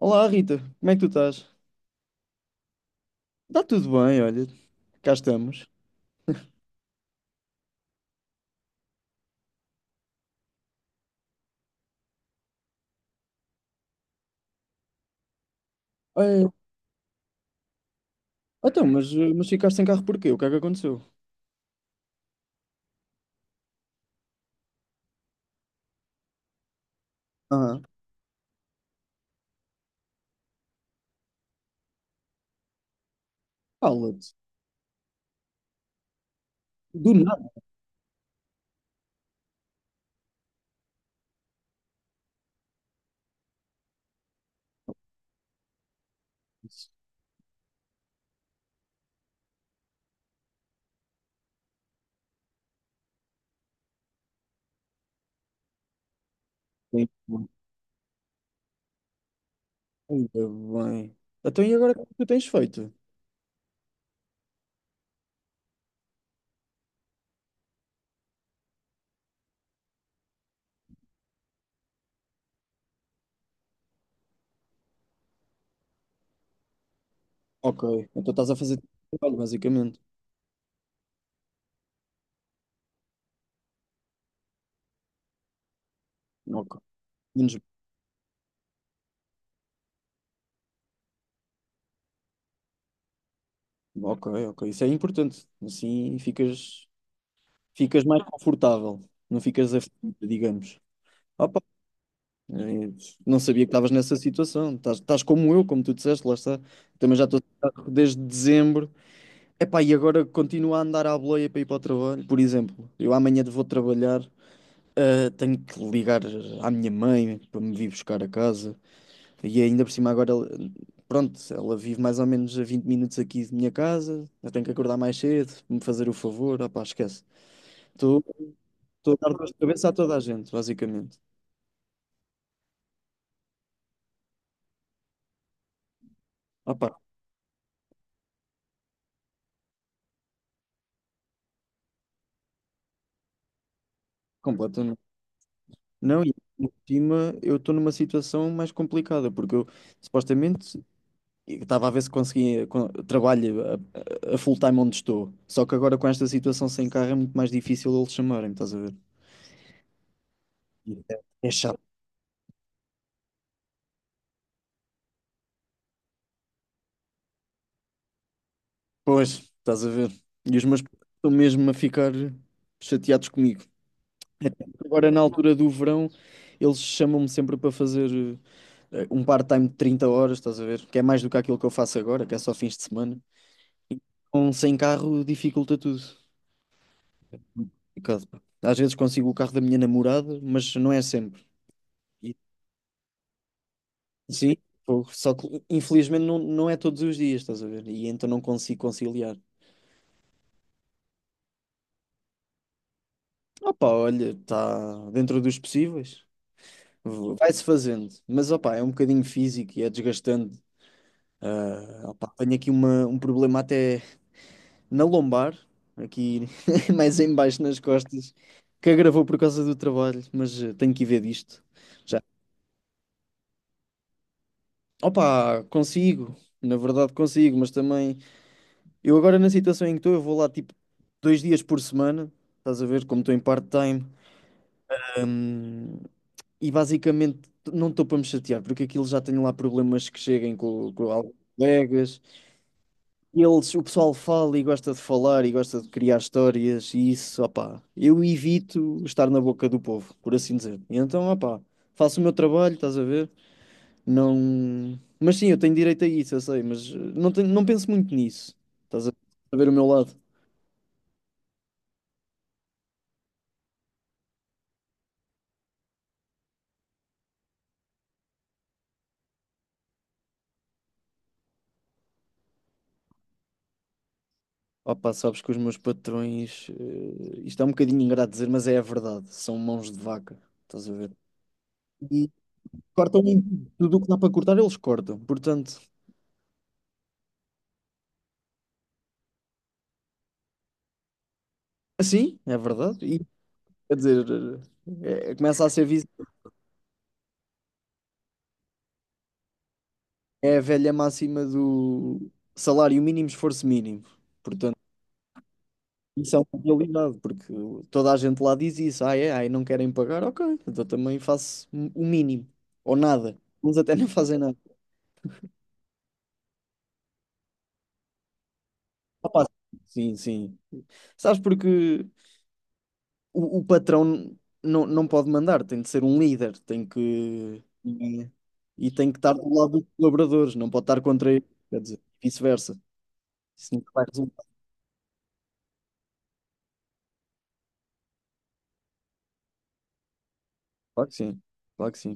Olá Rita, como é que tu estás? Está tudo bem, olha, cá estamos. É, então, mas ficaste sem carro porquê? O que é que aconteceu? Ah, fala-te, do nada. Ainda bem. Então e agora o que é que tu tens feito? Ok, então estás a fazer trabalho, basicamente. Ok, menos... Ok, ok, isso é importante. Assim ficas, ficas mais confortável, não ficas aflita, digamos. Eh, Não sabia que estavas nessa situação. Estás, estás como eu, como tu disseste, lá está. Também já estou a trabalhar desde dezembro. Epá, e agora continuo a andar à boleia para ir para o trabalho. Por exemplo, eu amanhã vou trabalhar, tenho que ligar à minha mãe para me vir buscar a casa. E ainda por cima agora, pronto, ela vive mais ou menos a 20 minutos aqui de minha casa. Eu tenho que acordar mais cedo, me fazer o favor. Opá, esquece. Estou estou a dar dor de cabeça a toda a gente, basicamente. Opá, completamente. Não, e por cima eu estou numa situação mais complicada, porque eu supostamente estava a ver se conseguia con- trabalho a, a full time onde estou. Só que agora com esta situação sem carro é muito mais difícil eles chamarem, estás a ver? E É é chato. Pois, estás a ver. E os meus pais estão mesmo a ficar chateados comigo. Agora, na altura do verão, eles chamam-me sempre para fazer um part-time de 30 horas, estás a ver? Que é mais do que aquilo que eu faço agora, que é só fins de semana. Então, sem carro dificulta tudo. Caso, pá. Às vezes consigo o carro da minha namorada, mas não é sempre. E, sim, pô, só que infelizmente não, não é todos os dias, estás a ver? E então não consigo conciliar. Opa, olha, está dentro dos possíveis. Vai-se fazendo. Mas opa, é um bocadinho físico e é desgastante. Ah, opa, tenho aqui um problema até na lombar, aqui mais em baixo nas costas, que agravou por causa do trabalho, mas tenho que ir ver disto. Já. Opa, consigo. Na verdade consigo, mas também eu agora na situação em que estou, eu vou lá tipo 2 dias por semana, estás a ver como estou em part-time, hum, e basicamente não estou para me chatear, porque aquilo já tenho lá problemas que cheguem com alguns colegas. Eles, o pessoal fala e gosta de falar e gosta de criar histórias e isso, opá, eu evito estar na boca do povo, por assim dizer. E então, opá, faço o meu trabalho, estás a ver? Não. Mas sim, eu tenho direito a isso, eu sei, mas não tenho, não penso muito nisso. Estás a ver o meu lado. Opa, sabes que os meus patrões, isto é um bocadinho ingrato dizer, mas é a verdade, são mãos de vaca, estás a ver? E cortam em tudo o que dá para cortar, eles cortam. Portanto, assim, é verdade. E quer dizer, começa a ser visto, é a velha máxima do salário mínimo, esforço mínimo. Portanto, isso é uma realidade, porque toda a gente lá diz isso, ah, é, ah, e não querem pagar, ok, então também faço o mínimo, ou nada. Uns até nem fazem nada. Opa, sim, sim. Sabes porque o patrão não pode mandar, tem de ser um líder, tem que. E tem que estar do lado dos colaboradores, não pode estar contra eles, quer dizer, vice-versa. Isso nunca vai resultar. Claro que sim, claro que sim.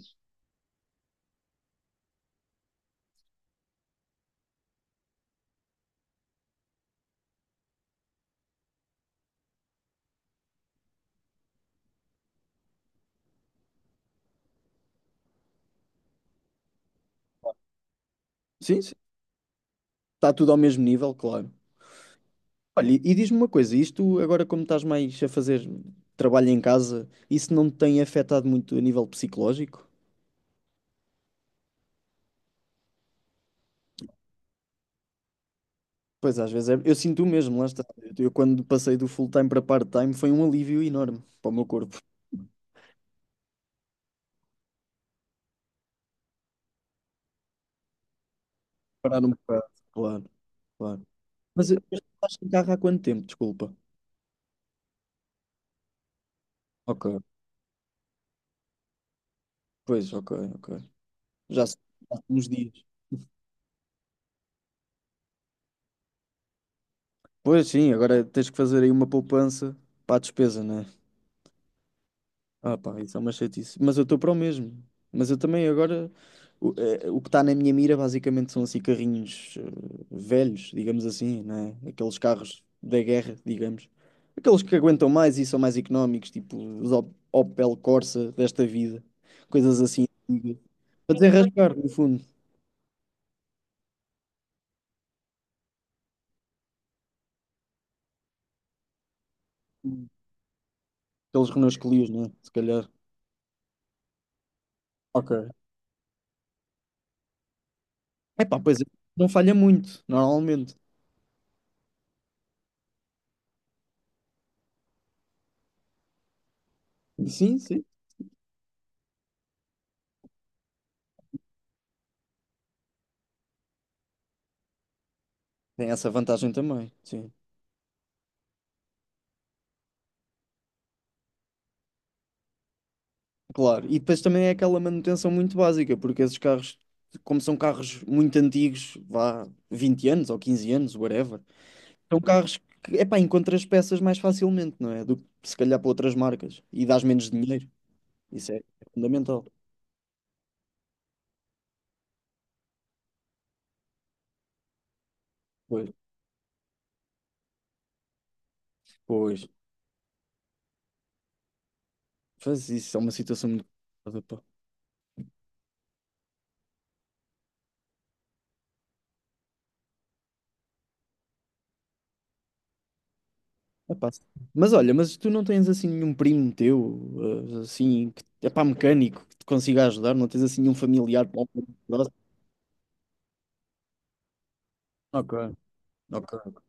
Sim, sim. Está tudo ao mesmo nível, claro. Olha, e diz-me uma coisa, isto agora como estás mais a fazer trabalho em casa, isso não te tem afetado muito a nível psicológico? Pois às vezes é, eu sinto o mesmo, lá está. Eu quando passei do full-time para part-time foi um alívio enorme para o meu corpo. Parar um bocado, claro, claro. Mas tu estás sem carro há quanto tempo? Desculpa. Ok, pois, ok, ok. Já se- já há uns dias. Pois sim, agora tens que fazer aí uma poupança para a despesa, né? Ah, pá, isso é uma chatice. Mas eu estou para o mesmo. Mas eu também agora. O, o que está na minha mira basicamente são assim carrinhos velhos, digamos assim, né? Aqueles carros da guerra, digamos. Aqueles que aguentam mais e são mais económicos, tipo os Opel Corsa desta vida. Coisas assim. Para desenrascar, no fundo. Pelos Renaults que lias, né? Se calhar. Ok. É pá, pois é. Não falha muito, normalmente. Sim, sim. Tem essa vantagem também, sim. Claro. E depois também é aquela manutenção muito básica, porque esses carros, como são carros muito antigos, vá 20 anos ou 15 anos, whatever, são carros que, é pá, encontras peças mais facilmente, não é? Do que se calhar para outras marcas. E dás menos dinheiro. Isso é fundamental. Pois, pois. Faz isso, é uma situação muito complicada. Epá, mas olha, mas tu não tens assim nenhum primo teu, assim, que, epá, mecânico, que te consiga ajudar? Não tens assim nenhum familiar próximo? Ok, ok.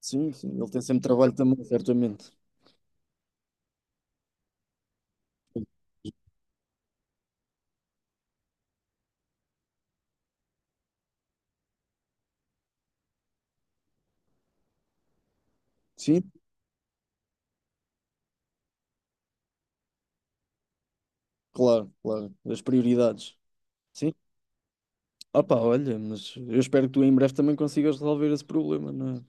Sim, sim, ele tem sempre trabalho também, certamente. Sim, claro, claro, as prioridades. Sim. Opa, olha, mas eu espero que tu em breve também consigas resolver esse problema, não é?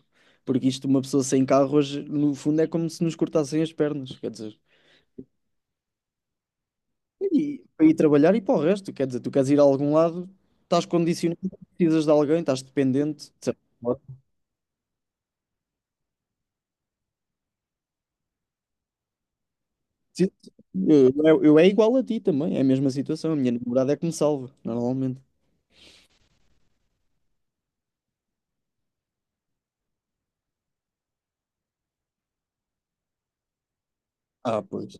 Porque isto, uma pessoa sem carro hoje, no fundo, é como se nos cortassem as pernas, quer dizer. E, para ir trabalhar e para o resto, quer dizer, tu queres ir a algum lado, estás condicionado, precisas de alguém, estás dependente, de certo modo. Eu é igual a ti também, é a mesma situação. A minha namorada é que me salva, normalmente. Ah, pois.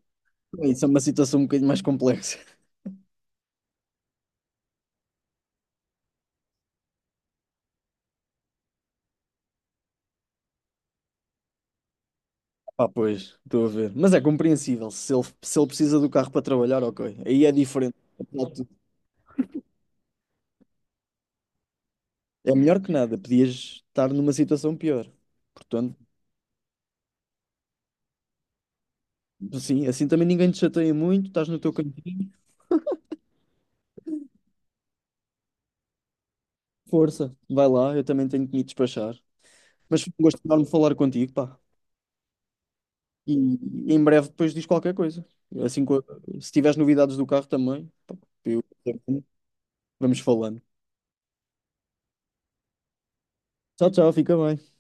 Isso é uma situação um bocadinho mais complexa. Ah, pois, estou a ver. Mas é compreensível. Se ele precisa do carro para trabalhar, ok. Aí é diferente. Apesar de tudo, é melhor que nada. Podias estar numa situação pior. Portanto, sim, assim também ninguém te chateia muito, estás no teu cantinho. Força, vai lá, eu também tenho que me despachar. Mas foi um gosto enorme falar contigo, pá. E em breve depois diz qualquer coisa. Assim, se tiveres novidades do carro também, pá, eu- vamos falando. Tchau, tchau, fica bem.